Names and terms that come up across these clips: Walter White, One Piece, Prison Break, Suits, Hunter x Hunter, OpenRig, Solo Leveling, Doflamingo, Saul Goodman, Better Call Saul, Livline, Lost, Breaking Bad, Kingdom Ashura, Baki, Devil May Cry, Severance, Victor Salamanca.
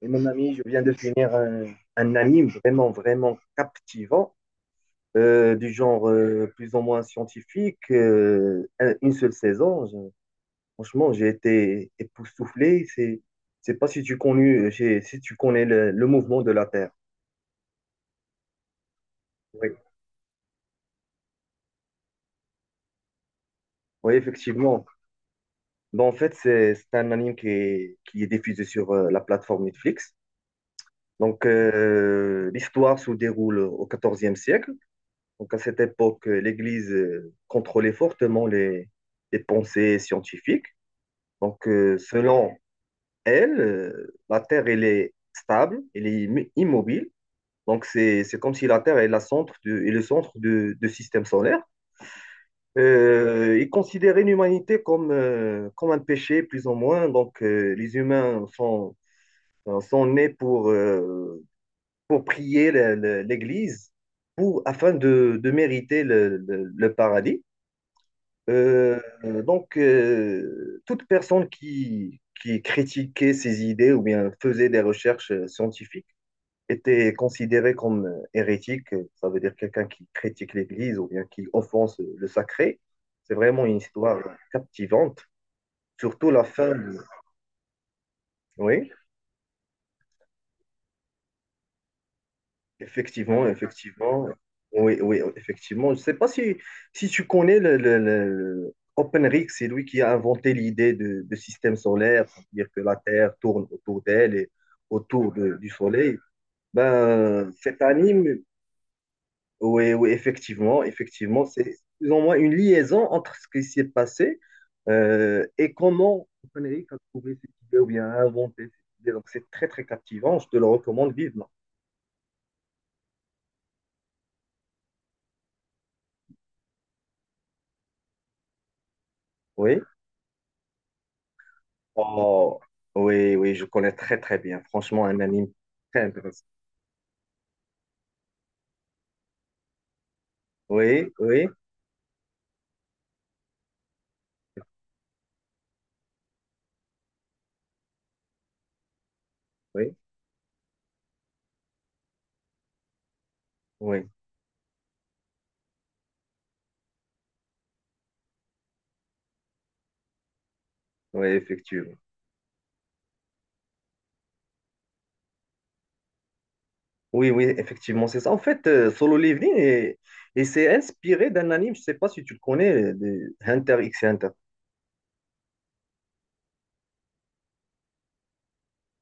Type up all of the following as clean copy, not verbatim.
Et mon ami, je viens de finir un anime vraiment, vraiment captivant, du genre plus ou moins scientifique, une seule saison. Franchement, j'ai été époustouflé. C'est pas si tu connais, si tu connais le mouvement de la Terre. Oui, oui, effectivement. Bon, en fait, c'est un anime qui est diffusé sur la plateforme Netflix. Donc, l'histoire se déroule au XIVe siècle. Donc à cette époque, l'Église contrôlait fortement les pensées scientifiques. Donc selon elle, la Terre, elle est stable, elle est immobile. Donc c'est comme si la Terre est le centre du système solaire. Ils considéraient l'humanité comme un péché, plus ou moins. Donc les humains sont nés pour prier l'Église afin de mériter le paradis. Euh, donc, toute personne qui critiquait ces idées ou bien faisait des recherches scientifiques était considérée comme hérétique. Ça veut dire quelqu'un qui critique l'Église ou bien qui offense le sacré. C'est vraiment une histoire captivante, surtout la fin. Oui. Effectivement, effectivement. Oui, oui, effectivement. Je ne sais pas si, tu connais le OpenRig, c'est lui qui a inventé l'idée de système solaire, c'est-à-dire que la Terre tourne autour d'elle et autour du Soleil. Ben, cet anime, oui, oui, effectivement, effectivement, c'est plus ou moins une liaison entre ce qui s'est passé et comment OpenRig a trouvé cette idée ou bien a inventé cette idée. Donc, c'est très, très captivant. Je te le recommande vivement. Oui. Oh, oui, oui, je connais très, très bien. Franchement, un anime très intéressant. Oui, oui, oui, oui, oui, effectivement. Oui, oui, effectivement, c'est ça. En fait, Solo Leveling, il s'est inspiré d'un anime, je ne sais pas si tu le connais, de Hunter x Hunter.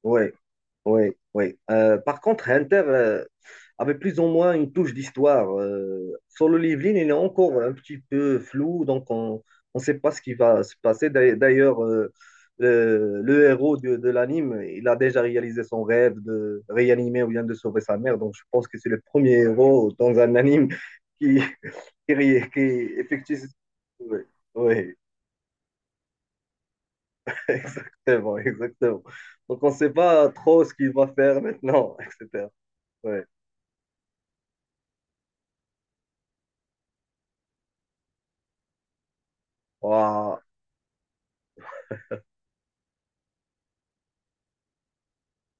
Oui, oui, oui. Par contre, Hunter avait plus ou moins une touche d'histoire. Sur le Livline, il est encore un petit peu flou, donc on ne sait pas ce qui va se passer. D'ailleurs, le héros de l'anime, il a déjà réalisé son rêve de réanimer ou bien de sauver sa mère, donc je pense que c'est le premier héros dans un anime qui, qui effectue... Oui, oui, exactement, exactement. Donc on ne sait pas trop ce qu'il va faire maintenant, etc. Oui. Ouah,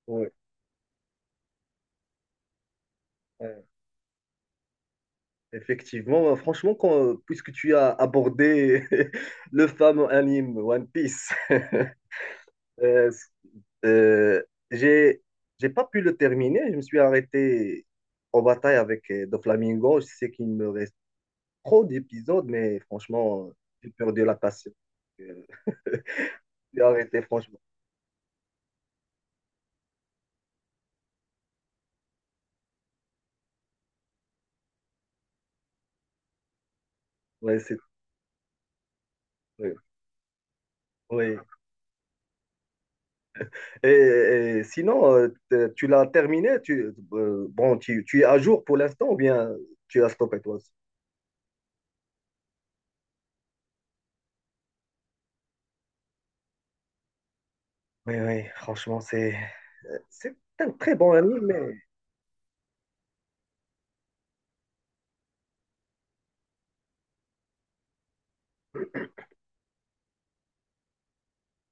ouais, ouais. Effectivement, franchement, puisque tu as abordé le fameux anime One Piece, euh, euh, j'ai, j'ai pas pu le terminer. Je me suis arrêté en bataille avec Doflamingo. Je sais qu'il me reste trop d'épisodes, mais franchement, j'ai perdu la passion. Euh, J'ai arrêté, franchement. Ouais, c'est, ouais, ouais. Et, et sinon, tu l'as terminé? Bon, tu es à jour pour l'instant ou bien tu as stoppé toi? Oui, oui, franchement, c'est un très bon ami, mais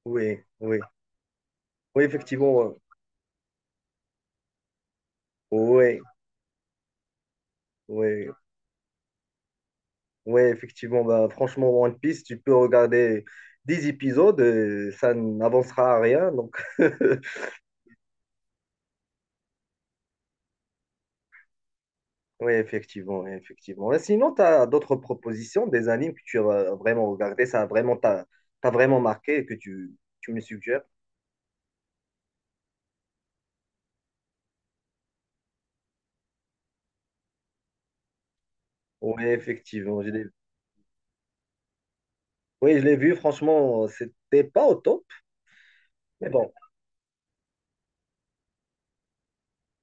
oui, oui, oui, effectivement, oui, oui, oui, effectivement, bah, franchement, One Piece, tu peux regarder 10 épisodes, ça n'avancera à rien, donc oui, effectivement, oui, effectivement. Et sinon, tu as d'autres propositions, des animes que tu as vraiment regardé, ça a vraiment t'a vraiment marqué et que tu me suggères? Oui, effectivement, oui, je l'ai vu, franchement, c'était pas au top, mais bon,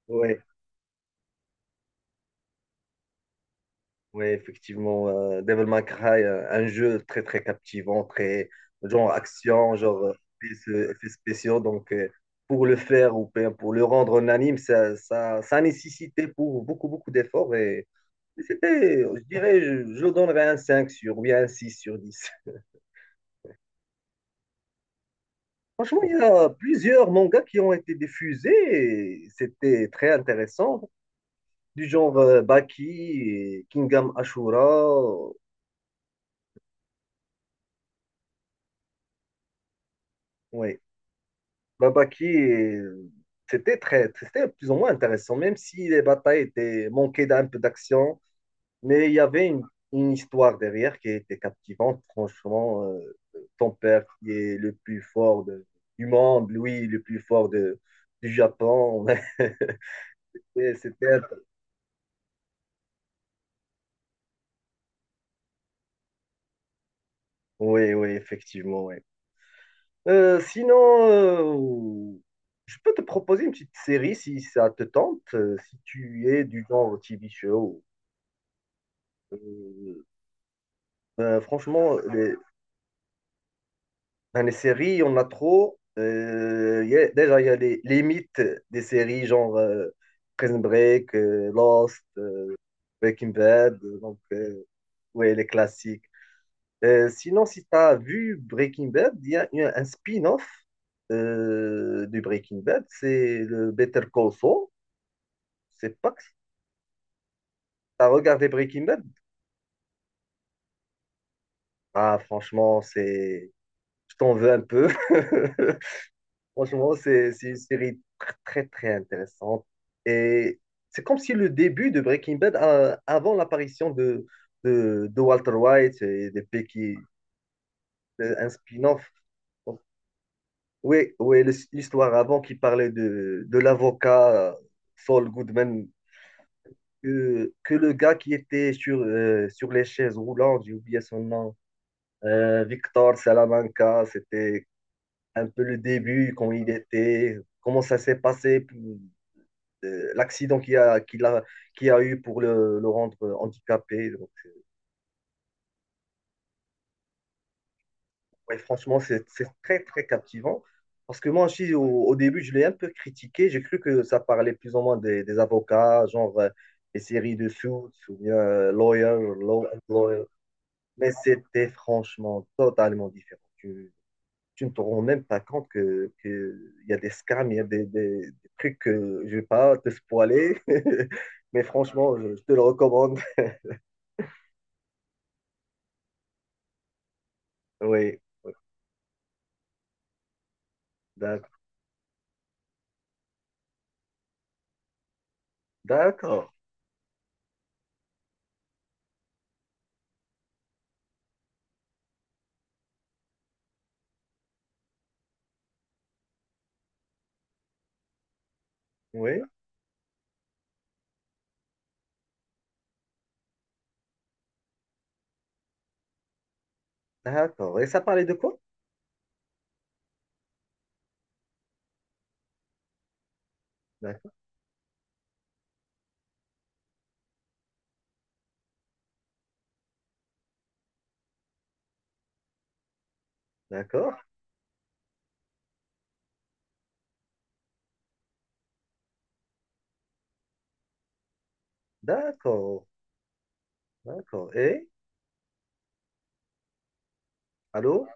oui. Oui, effectivement, Devil May Cry, un jeu très très captivant, très genre action, genre effets spéciaux. Donc, pour le faire ou pour le rendre en anime, ça a nécessité pour beaucoup beaucoup d'efforts. Et c'était, je dirais, je donnerais ou bien un 6 sur 10. Franchement, il y a plusieurs mangas qui ont été diffusés et c'était très intéressant, du genre Baki, et Kingdom Ashura. Oui. Babaki, c'était plus ou moins intéressant, même si les batailles étaient manquées d'un peu d'action, mais il y avait une histoire derrière qui était captivante. Franchement, ton père qui est le plus fort du monde, lui le plus fort du Japon. Et c'était. Oui, oui, effectivement, oui. Sinon, je peux te proposer une petite série si ça te tente, si tu es du genre TV show. Euh, franchement, enfin, les séries, on a trop. Déjà, il y a les mythes des séries, genre Prison Break, Lost, Breaking Bad, donc, ouais, les classiques. Sinon, si tu as vu Breaking Bad, il y a un spin-off du Breaking Bad, c'est le Better Call Saul. C'est pas que tu as regardé Breaking Bad? Ah, franchement, c'est... Je t'en veux un peu. Franchement, c'est une série très, très intéressante. Et c'est comme si le début de Breaking Bad, avant l'apparition de, de Walter White et de Becky, un spin-off. Donc, oui, oui, l'histoire avant qui parlait de l'avocat Saul Goodman, que le gars qui était sur, sur les chaises roulantes, j'ai oublié son nom, Victor Salamanca, c'était un peu le début, quand il était, comment ça s'est passé. L'accident qu'il a eu pour le rendre handicapé. Donc, ouais, franchement, c'est très, très captivant. Parce que moi aussi, au début, je l'ai un peu critiqué. J'ai cru que ça parlait plus ou moins des avocats, genre les séries de Suits ou bien Lawyer, Law and Lawyer. Mais c'était franchement totalement différent. Tu ne te rends même pas compte que il y a des scams, il y a des trucs que je vais pas te spoiler. Mais franchement, je te le recommande. Oui, d'accord. Oui, d'accord. Et ça parlait de quoi? D'accord. D'accord. D'accord. D'accord. Et? Allô?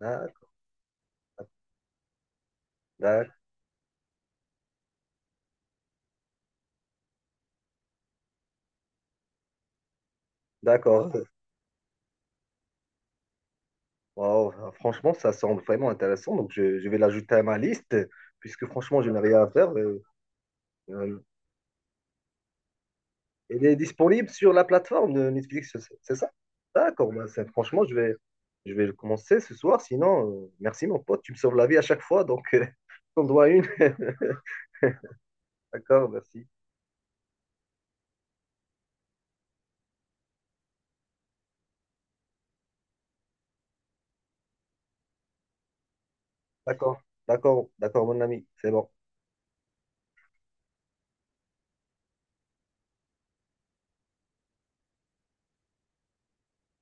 D'ac- d'ac- D'accord. Wow. Franchement, ça semble vraiment intéressant. Donc, je vais l'ajouter à ma liste, puisque franchement, je n'ai rien à faire. Euh, elle est disponible sur la plateforme de Netflix, c'est ça? D'accord. Bah, franchement, je vais le commencer ce soir. Sinon, merci mon pote, tu me sauves la vie à chaque fois. Donc, on doit une. D'accord, merci. D'accord. D'accord. D'accord, mon ami. C'est bon.